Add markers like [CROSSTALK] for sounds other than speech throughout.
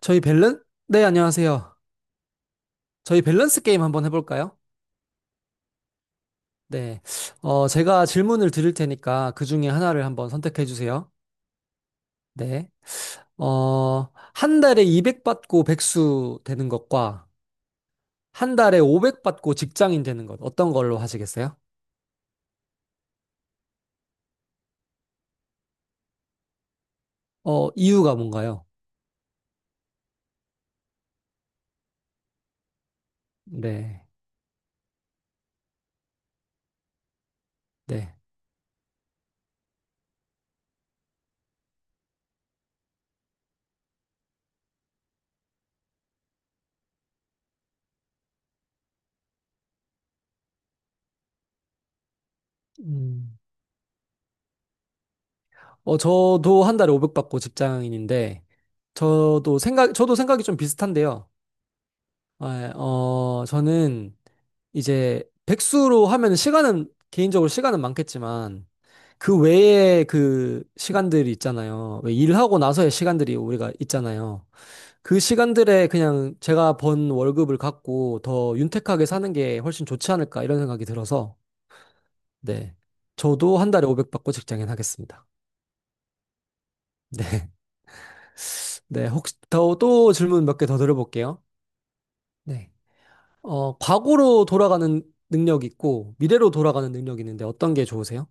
저희 밸런? 네, 안녕하세요. 저희 밸런스 게임 한번 해볼까요? 네. 제가 질문을 드릴 테니까 그 중에 하나를 한번 선택해 주세요. 네. 한 달에 200 받고 백수 되는 것과 한 달에 500 받고 직장인 되는 것 어떤 걸로 하시겠어요? 이유가 뭔가요? 네. 네. 음. 저도 한 달에 500 받고 직장인인데 저도 생각이 좀 비슷한데요. 아, 예. 저는 이제 백수로 하면 시간은 개인적으로 시간은 많겠지만 그 외에 그 시간들이 있잖아요. 왜 일하고 나서의 시간들이 우리가 있잖아요. 그 시간들에 그냥 제가 번 월급을 갖고 더 윤택하게 사는 게 훨씬 좋지 않을까 이런 생각이 들어서 네. 저도 한 달에 500 받고 직장인 하겠습니다. 네. [LAUGHS] 네. 혹시 더 또 질문 몇 개 더 드려볼게요. 네. 과거로 돌아가는 능력이 있고, 미래로 돌아가는 능력이 있는데 어떤 게 좋으세요?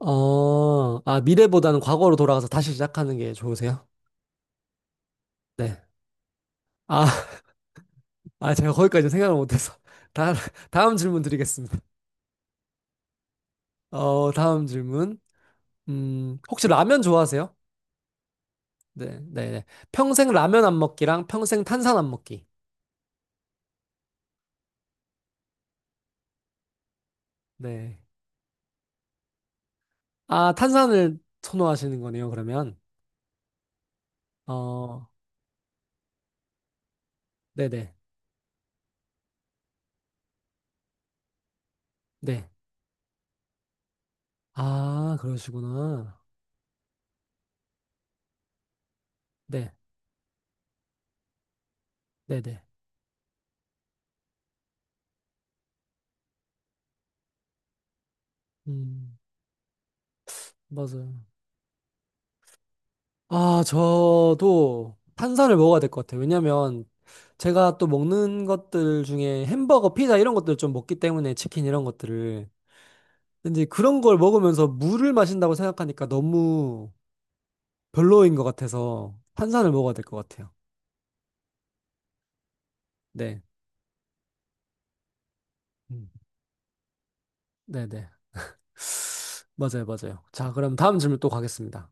미래보다는 과거로 돌아가서 다시 시작하는 게 좋으세요? 네. 아, [LAUGHS] 아, 제가 거기까지 생각을 못해서. [LAUGHS] 다, 다음 질문 드리겠습니다. 다음 질문. 혹시 라면 좋아하세요? 네, 네, 네. 평생 라면 안 먹기랑 평생 탄산 안 먹기. 네. 아, 탄산을 선호하시는 거네요, 그러면. 어, 네네. 네. 네. 네. 아, 그러시구나. 네, 네네. 음, 맞아요. 아, 저도 탄산을 먹어야 될 것 같아요. 왜냐면 제가 또 먹는 것들 중에 햄버거, 피자 이런 것들을 좀 먹기 때문에 치킨 이런 것들을. 근데 이제 그런 걸 먹으면서 물을 마신다고 생각하니까 너무 별로인 것 같아서 탄산을 먹어야 될 것 같아요. 네. 음, 네네. 맞아요, 맞아요. 자, 그럼 다음 질문 또 가겠습니다.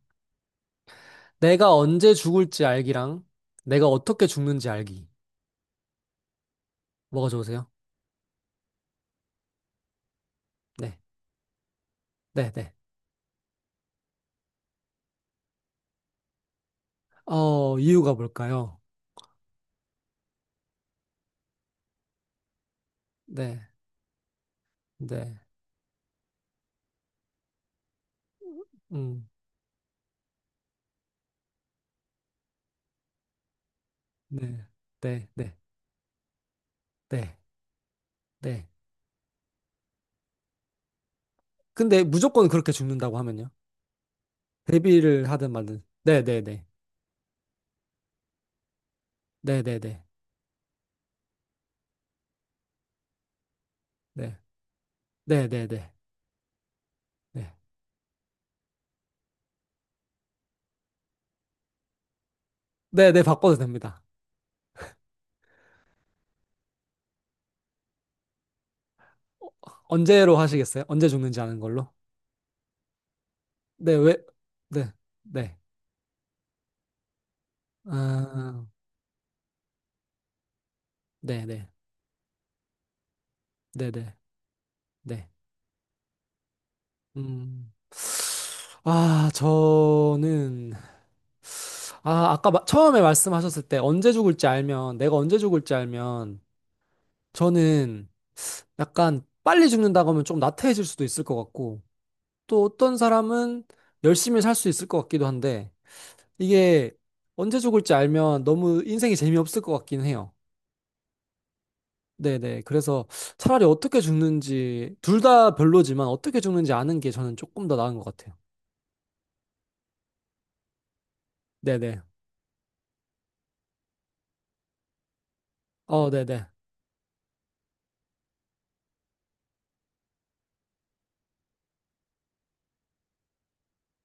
내가 언제 죽을지 알기랑 내가 어떻게 죽는지 알기. 뭐가 좋으세요? 네. 네네. 이유가 뭘까요? 네, 네, 음, 네, 네, 네, 네, 네. 근데 무조건 그렇게 죽는다고 하면요. 데뷔를 하든 말든. 네, 네, 네, 네, 네, 네, 네, 네, 네, 네, 네, 네, 네, 바꿔도 됩니다. 어, 언제로 하시겠어요? 언제 죽는지 아는 걸로? 네, 왜? 네, 네, 아, 네, 네, 네, 네, 네. 음, 저는 아까 처음에 말씀하셨을 때 언제 죽을지 알면 내가 언제 죽을지 알면 저는 약간 빨리 죽는다고 하면 좀 나태해질 수도 있을 것 같고, 또 어떤 사람은 열심히 살 수 있을 것 같기도 한데, 이게 언제 죽을지 알면 너무 인생이 재미없을 것 같긴 해요. 네네. 그래서 차라리 어떻게 죽는지, 둘 다 별로지만 어떻게 죽는지 아는 게 저는 조금 더 나은 것 같아요. 네네. 네네.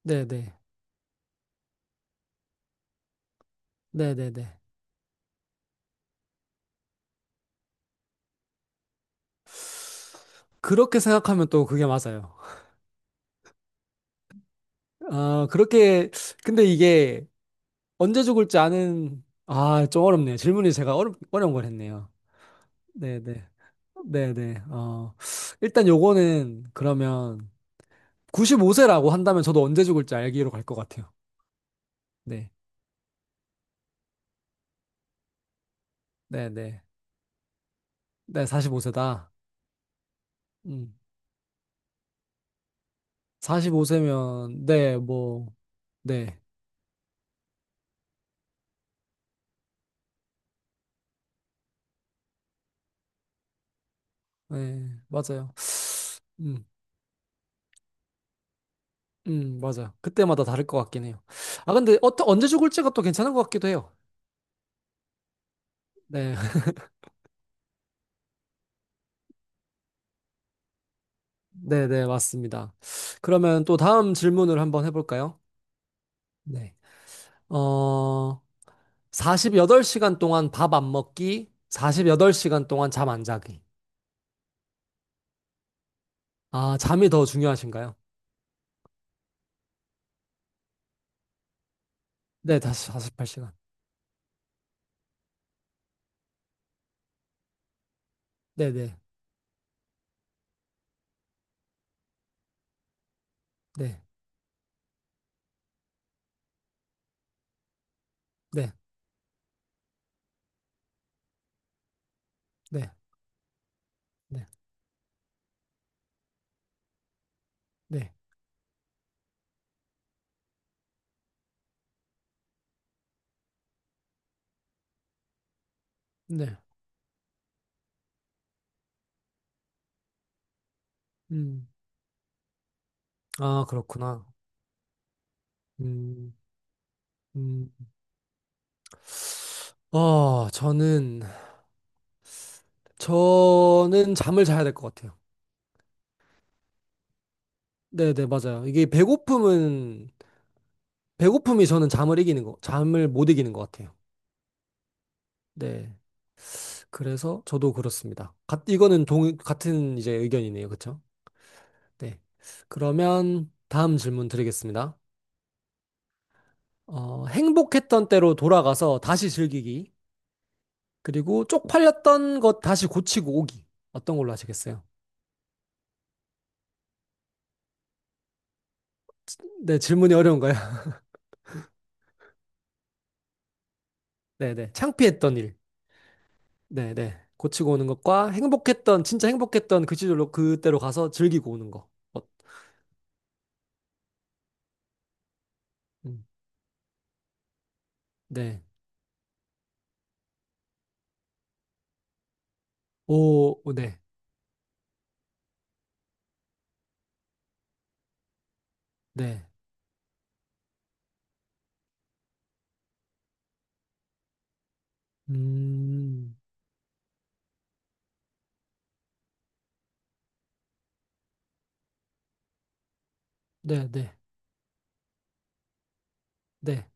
네네. 네네네. 그렇게 생각하면 또 그게 맞아요. 아, 그렇게, 근데 이게 언제 죽을지 아는, 아, 좀 어렵네요. 질문이 제가 어려운 걸 했네요. 네네. 네네. 일단 요거는 그러면 95세라고 한다면 저도 언제 죽을지 알기로 갈 것 같아요. 네. 네네. 네, 45세다. 음. 45세면, 네, 뭐, 네. 네, 맞아요. 음, 맞아요. 그때마다 다를 것 같긴 해요. 아, 근데 언제 죽을지가 또 괜찮은 것 같기도 해요. 네. [LAUGHS] 네네, 맞습니다. 그러면 또 다음 질문을 한번 해볼까요? 네. 어, 48시간 동안 밥 안 먹기, 48시간 동안 잠 안 자기. 아, 잠이 더 중요하신가요? 네, 다시 48시간. 네, 네, 네, 네, 네, 네, 네, 네. 음, 아, 그렇구나. 음, 음. 어, 저는, 저는 잠을 자야 될 것 같아요. 네, 네, 맞아요. 이게 배고픔이 저는 잠을 못 이기는 것 같아요. 네. 그래서 저도 그렇습니다. 이거는 같은 이제 의견이네요. 그쵸? 네. 그러면 다음 질문 드리겠습니다. 행복했던 때로 돌아가서 다시 즐기기. 그리고 쪽팔렸던 것 다시 고치고 오기. 어떤 걸로 하시겠어요? 네, 질문이 어려운가요? [LAUGHS] 네네. 창피했던 일. 네네. 고치고 오는 것과 진짜 행복했던 그 시절로 그때로 가서 즐기고 오는 거. 어, 음, 네. 오, 네. 네. 음, 네, 네, 네,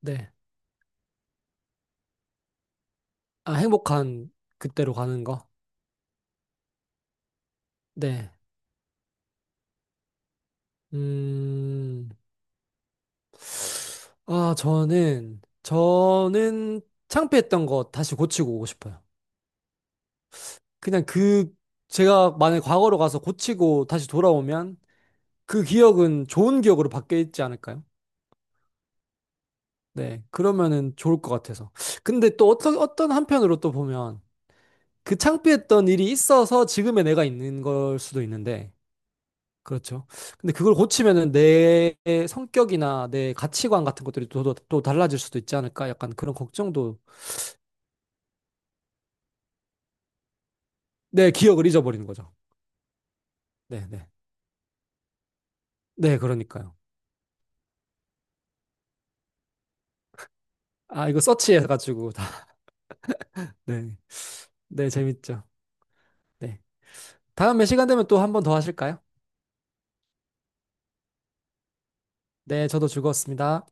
네. 아, 행복한 그때로 가는 거? 네. 음, 아, 저는 창피했던 거 다시 고치고 오고 싶어요. 그냥 제가 만약 과거로 가서 고치고 다시 돌아오면 그 기억은 좋은 기억으로 바뀌어 있지 않을까요? 네. 그러면은 좋을 것 같아서. 근데 또 어떤 한편으로 또 보면 그 창피했던 일이 있어서 지금의 내가 있는 걸 수도 있는데 그렇죠. 근데 그걸 고치면은 내 성격이나 내 가치관 같은 것들이 또, 또, 또 달라질 수도 있지 않을까? 약간 그런 걱정도 내 기억을 잊어버리는 거죠. 네, 네. 네, 그러니까요. 아, 이거 서치해가지고 다. [LAUGHS] 네. 네, 재밌죠. 네. 다음에 시간 되면 또 한 번 더 하실까요? 네, 저도 즐거웠습니다.